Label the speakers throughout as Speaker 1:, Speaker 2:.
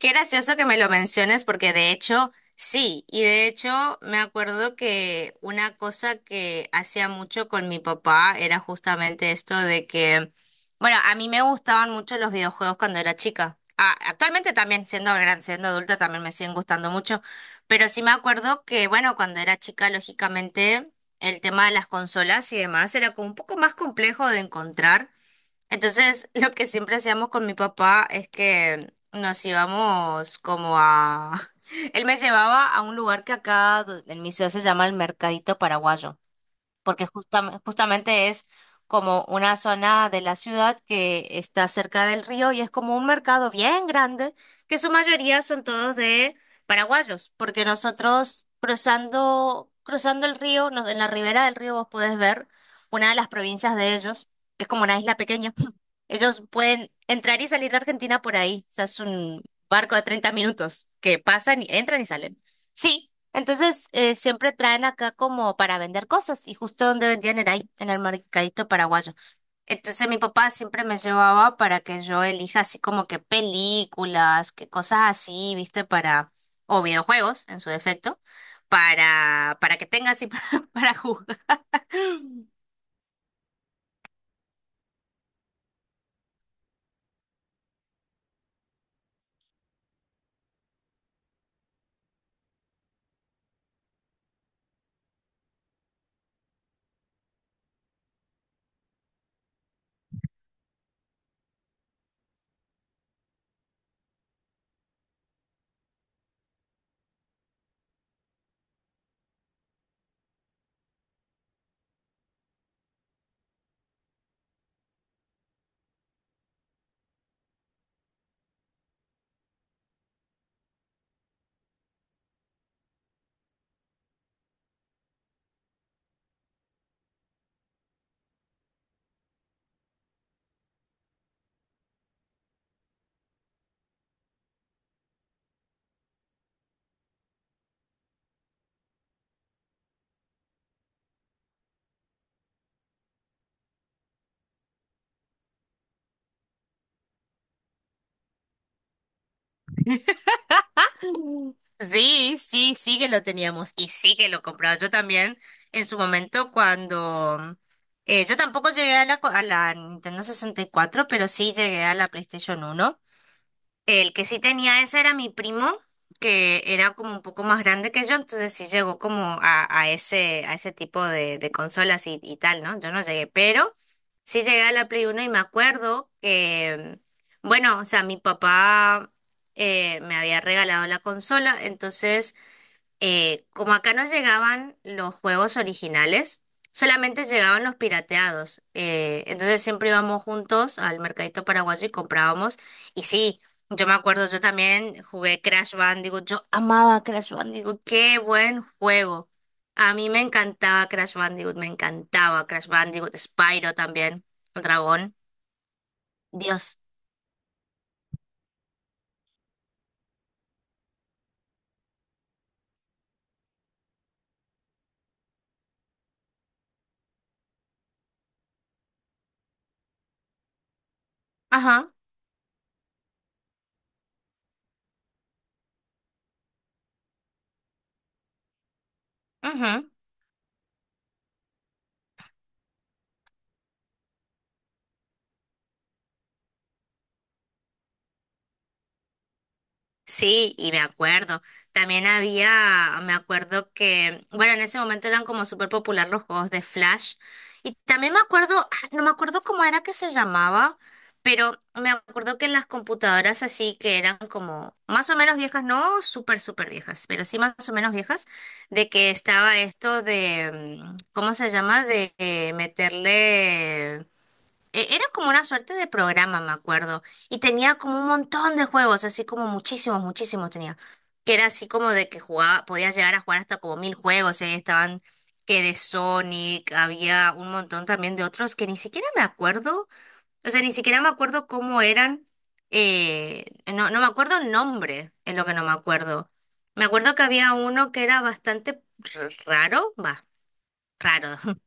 Speaker 1: Qué gracioso que me lo menciones porque de hecho, sí, y de hecho me acuerdo que una cosa que hacía mucho con mi papá era justamente esto de que, bueno, a mí me gustaban mucho los videojuegos cuando era chica. Ah, actualmente también, siendo gran, siendo adulta, también me siguen gustando mucho, pero sí me acuerdo que, bueno, cuando era chica, lógicamente, el tema de las consolas y demás era como un poco más complejo de encontrar. Entonces, lo que siempre hacíamos con mi papá es que nos íbamos como a... Él me llevaba a un lugar que acá en mi ciudad se llama el Mercadito Paraguayo porque justamente es como una zona de la ciudad que está cerca del río y es como un mercado bien grande, que su mayoría son todos de paraguayos, porque nosotros cruzando, cruzando el río, en la ribera del río vos podés ver una de las provincias de ellos, que es como una isla pequeña. Ellos pueden entrar y salir de Argentina por ahí, o sea, es un barco de 30 minutos que pasan y entran y salen. Sí, entonces, siempre traen acá como para vender cosas y justo donde vendían era ahí, en el mercadito paraguayo. Entonces mi papá siempre me llevaba para que yo elija así como que películas, que cosas así, viste, para, o videojuegos en su defecto, para que tenga así para jugar. Sí, sí, sí que lo teníamos y sí que lo compraba. Yo también en su momento cuando... yo tampoco llegué a la, a la Nintendo 64, pero sí llegué a la PlayStation uno. El que sí tenía esa era mi primo, que era como un poco más grande que yo, entonces sí llegó como a ese tipo de consolas y tal, ¿no? Yo no llegué, pero sí llegué a la Play uno y me acuerdo que, bueno, o sea, mi papá me había regalado la consola, entonces como acá no llegaban los juegos originales, solamente llegaban los pirateados. Entonces siempre íbamos juntos al mercadito paraguayo y comprábamos. Y sí, yo me acuerdo, yo también jugué Crash Bandicoot. Yo amaba Crash Bandicoot. Qué buen juego. A mí me encantaba Crash Bandicoot, me encantaba Crash Bandicoot, Spyro también, el dragón. Dios. Ajá. Ujú. Sí, y me acuerdo. También había, me acuerdo que, bueno, en ese momento eran como súper popular los juegos de Flash. Y también me acuerdo, ah, no me acuerdo cómo era que se llamaba, pero me acuerdo que en las computadoras así que eran como más o menos viejas, no súper, súper viejas, pero sí más o menos viejas, de que estaba esto de, ¿cómo se llama? De meterle Era como una suerte de programa, me acuerdo. Y tenía como un montón de juegos, así como muchísimos, muchísimos tenía. Que era así como de que jugaba, podías llegar a jugar hasta como 1000 juegos. Y ahí estaban que de Sonic, había un montón también de otros que ni siquiera me acuerdo. O sea, ni siquiera me acuerdo cómo eran. eh, no, no me acuerdo el nombre, es lo que no me acuerdo. Me acuerdo que había uno que era bastante raro, va, raro.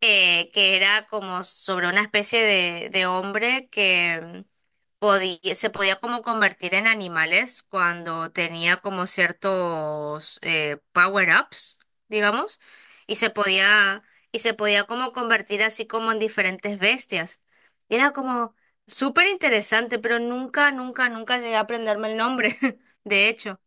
Speaker 1: Que era como sobre una especie de hombre que podía, se podía como convertir en animales cuando tenía como ciertos power-ups, digamos, y se podía, y se podía como convertir así como en diferentes bestias. Y era como súper interesante, pero nunca, nunca, nunca llegué a aprenderme el nombre, de hecho.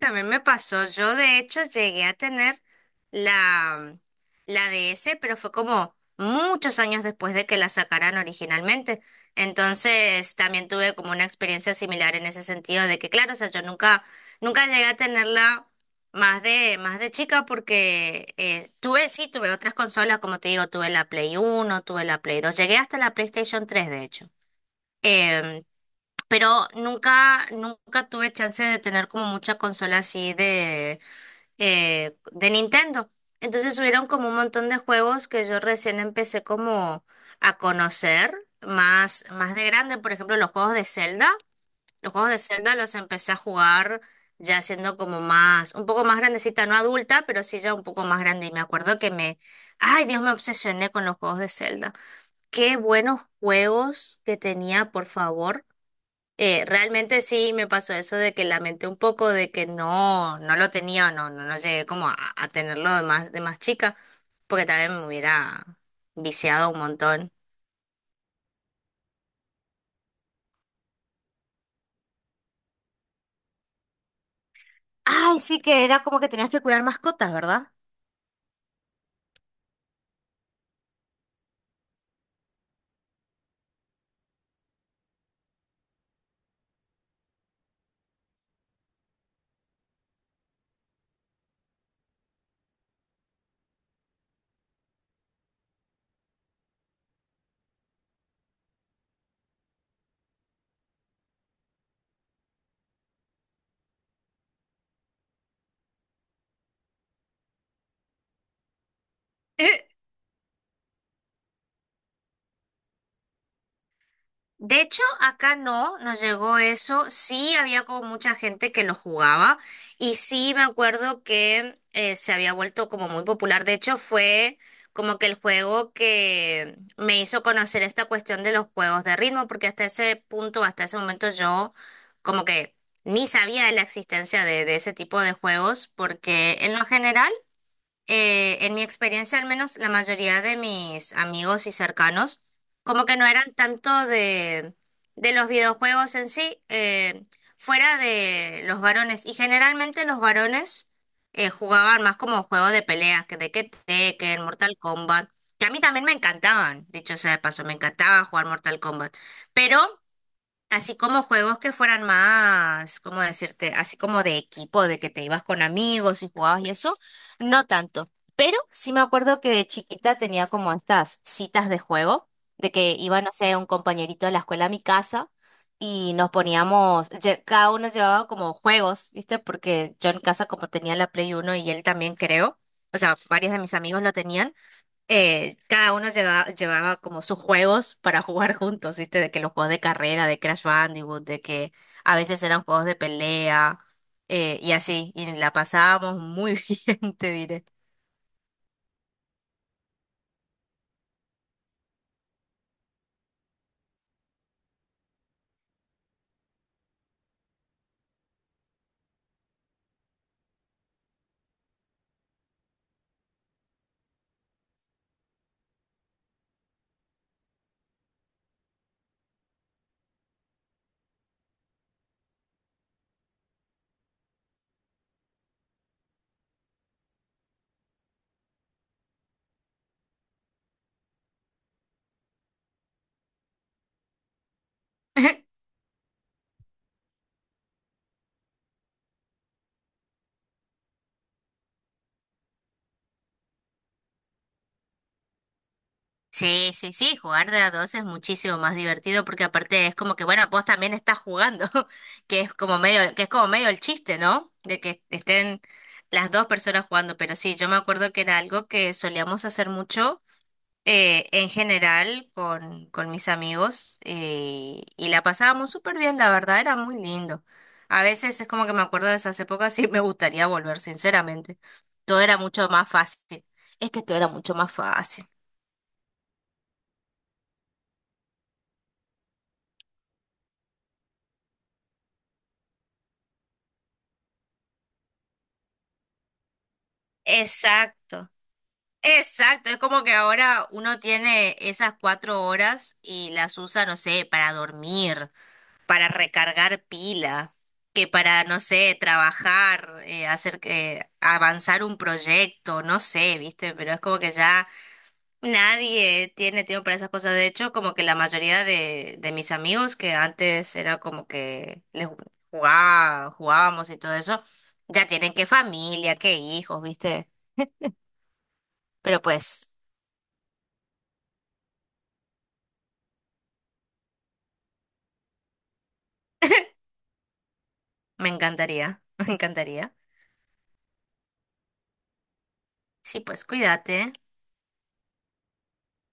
Speaker 1: También me pasó, yo de hecho llegué a tener la, la DS, pero fue como muchos años después de que la sacaran originalmente. Entonces también tuve como una experiencia similar en ese sentido de que, claro, o sea, yo nunca, nunca llegué a tenerla más de chica porque tuve, sí, tuve otras consolas, como te digo, tuve la Play uno, tuve la Play dos, llegué hasta la PlayStation tres de hecho. Em, pero nunca, nunca tuve chance de tener como mucha consola así de Nintendo. Entonces hubieron como un montón de juegos que yo recién empecé como a conocer más, más de grande. Por ejemplo, los juegos de Zelda. Los juegos de Zelda los empecé a jugar ya siendo como más, un poco más grandecita, no adulta, pero sí ya un poco más grande. Y me acuerdo que me, ay Dios, me obsesioné con los juegos de Zelda. Qué buenos juegos que tenía, por favor. Realmente sí me pasó eso de que lamenté un poco de que no, no lo tenía o no, no, no llegué como a tenerlo de más chica, porque también me hubiera viciado un montón. Ay, sí que era como que tenías que cuidar mascotas, ¿verdad? De hecho, acá no nos llegó eso. Sí, había como mucha gente que lo jugaba y sí me acuerdo que se había vuelto como muy popular. De hecho, fue como que el juego que me hizo conocer esta cuestión de los juegos de ritmo, porque hasta ese punto, hasta ese momento yo como que ni sabía de la existencia de ese tipo de juegos, porque en lo general en mi experiencia al menos, la mayoría de mis amigos y cercanos, como que no eran tanto de los videojuegos en sí, fuera de los varones. Y generalmente los varones jugaban más como juego de peleas, que de que Tekken, Mortal Kombat, que a mí también me encantaban, dicho sea de paso, me encantaba jugar Mortal Kombat. Pero así como juegos que fueran más, ¿cómo decirte? Así como de equipo, de que te ibas con amigos y jugabas y eso, no tanto. Pero sí me acuerdo que de chiquita tenía como estas citas de juego, de que iba, no sé, un compañerito de la escuela a mi casa y nos poníamos, cada uno llevaba como juegos, ¿viste? Porque yo en casa como tenía la Play Uno y él también creo, o sea, varios de mis amigos lo tenían cada uno llevaba como sus juegos para jugar juntos, ¿viste? De que los juegos de carrera, de Crash Bandicoot, de que a veces eran juegos de pelea y así, y la pasábamos muy bien, te diré. Sí, sí, sí, jugar de a dos es muchísimo más divertido porque aparte es como que, bueno, vos también estás jugando, que es como medio, que es como medio el chiste, ¿no? De que estén las dos personas jugando, pero sí, yo me acuerdo que era algo que solíamos hacer mucho en general con mis amigos y la pasábamos súper bien, la verdad era muy lindo. A veces es como que me acuerdo de esas épocas y me gustaría volver, sinceramente. Todo era mucho más fácil. Es que todo era mucho más fácil. Exacto, exacto. Es como que ahora uno tiene esas 4 horas y las usa, no sé, para dormir, para recargar pila, que para, no sé, trabajar, hacer que avanzar un proyecto, no sé, ¿viste? Pero es como que ya nadie tiene tiempo para esas cosas. De hecho, como que la mayoría de mis amigos que antes era como que les jugaba, jugábamos y todo eso, ya tienen que familia, que hijos, ¿viste? Pero pues, me encantaría, me encantaría. Sí, pues cuídate.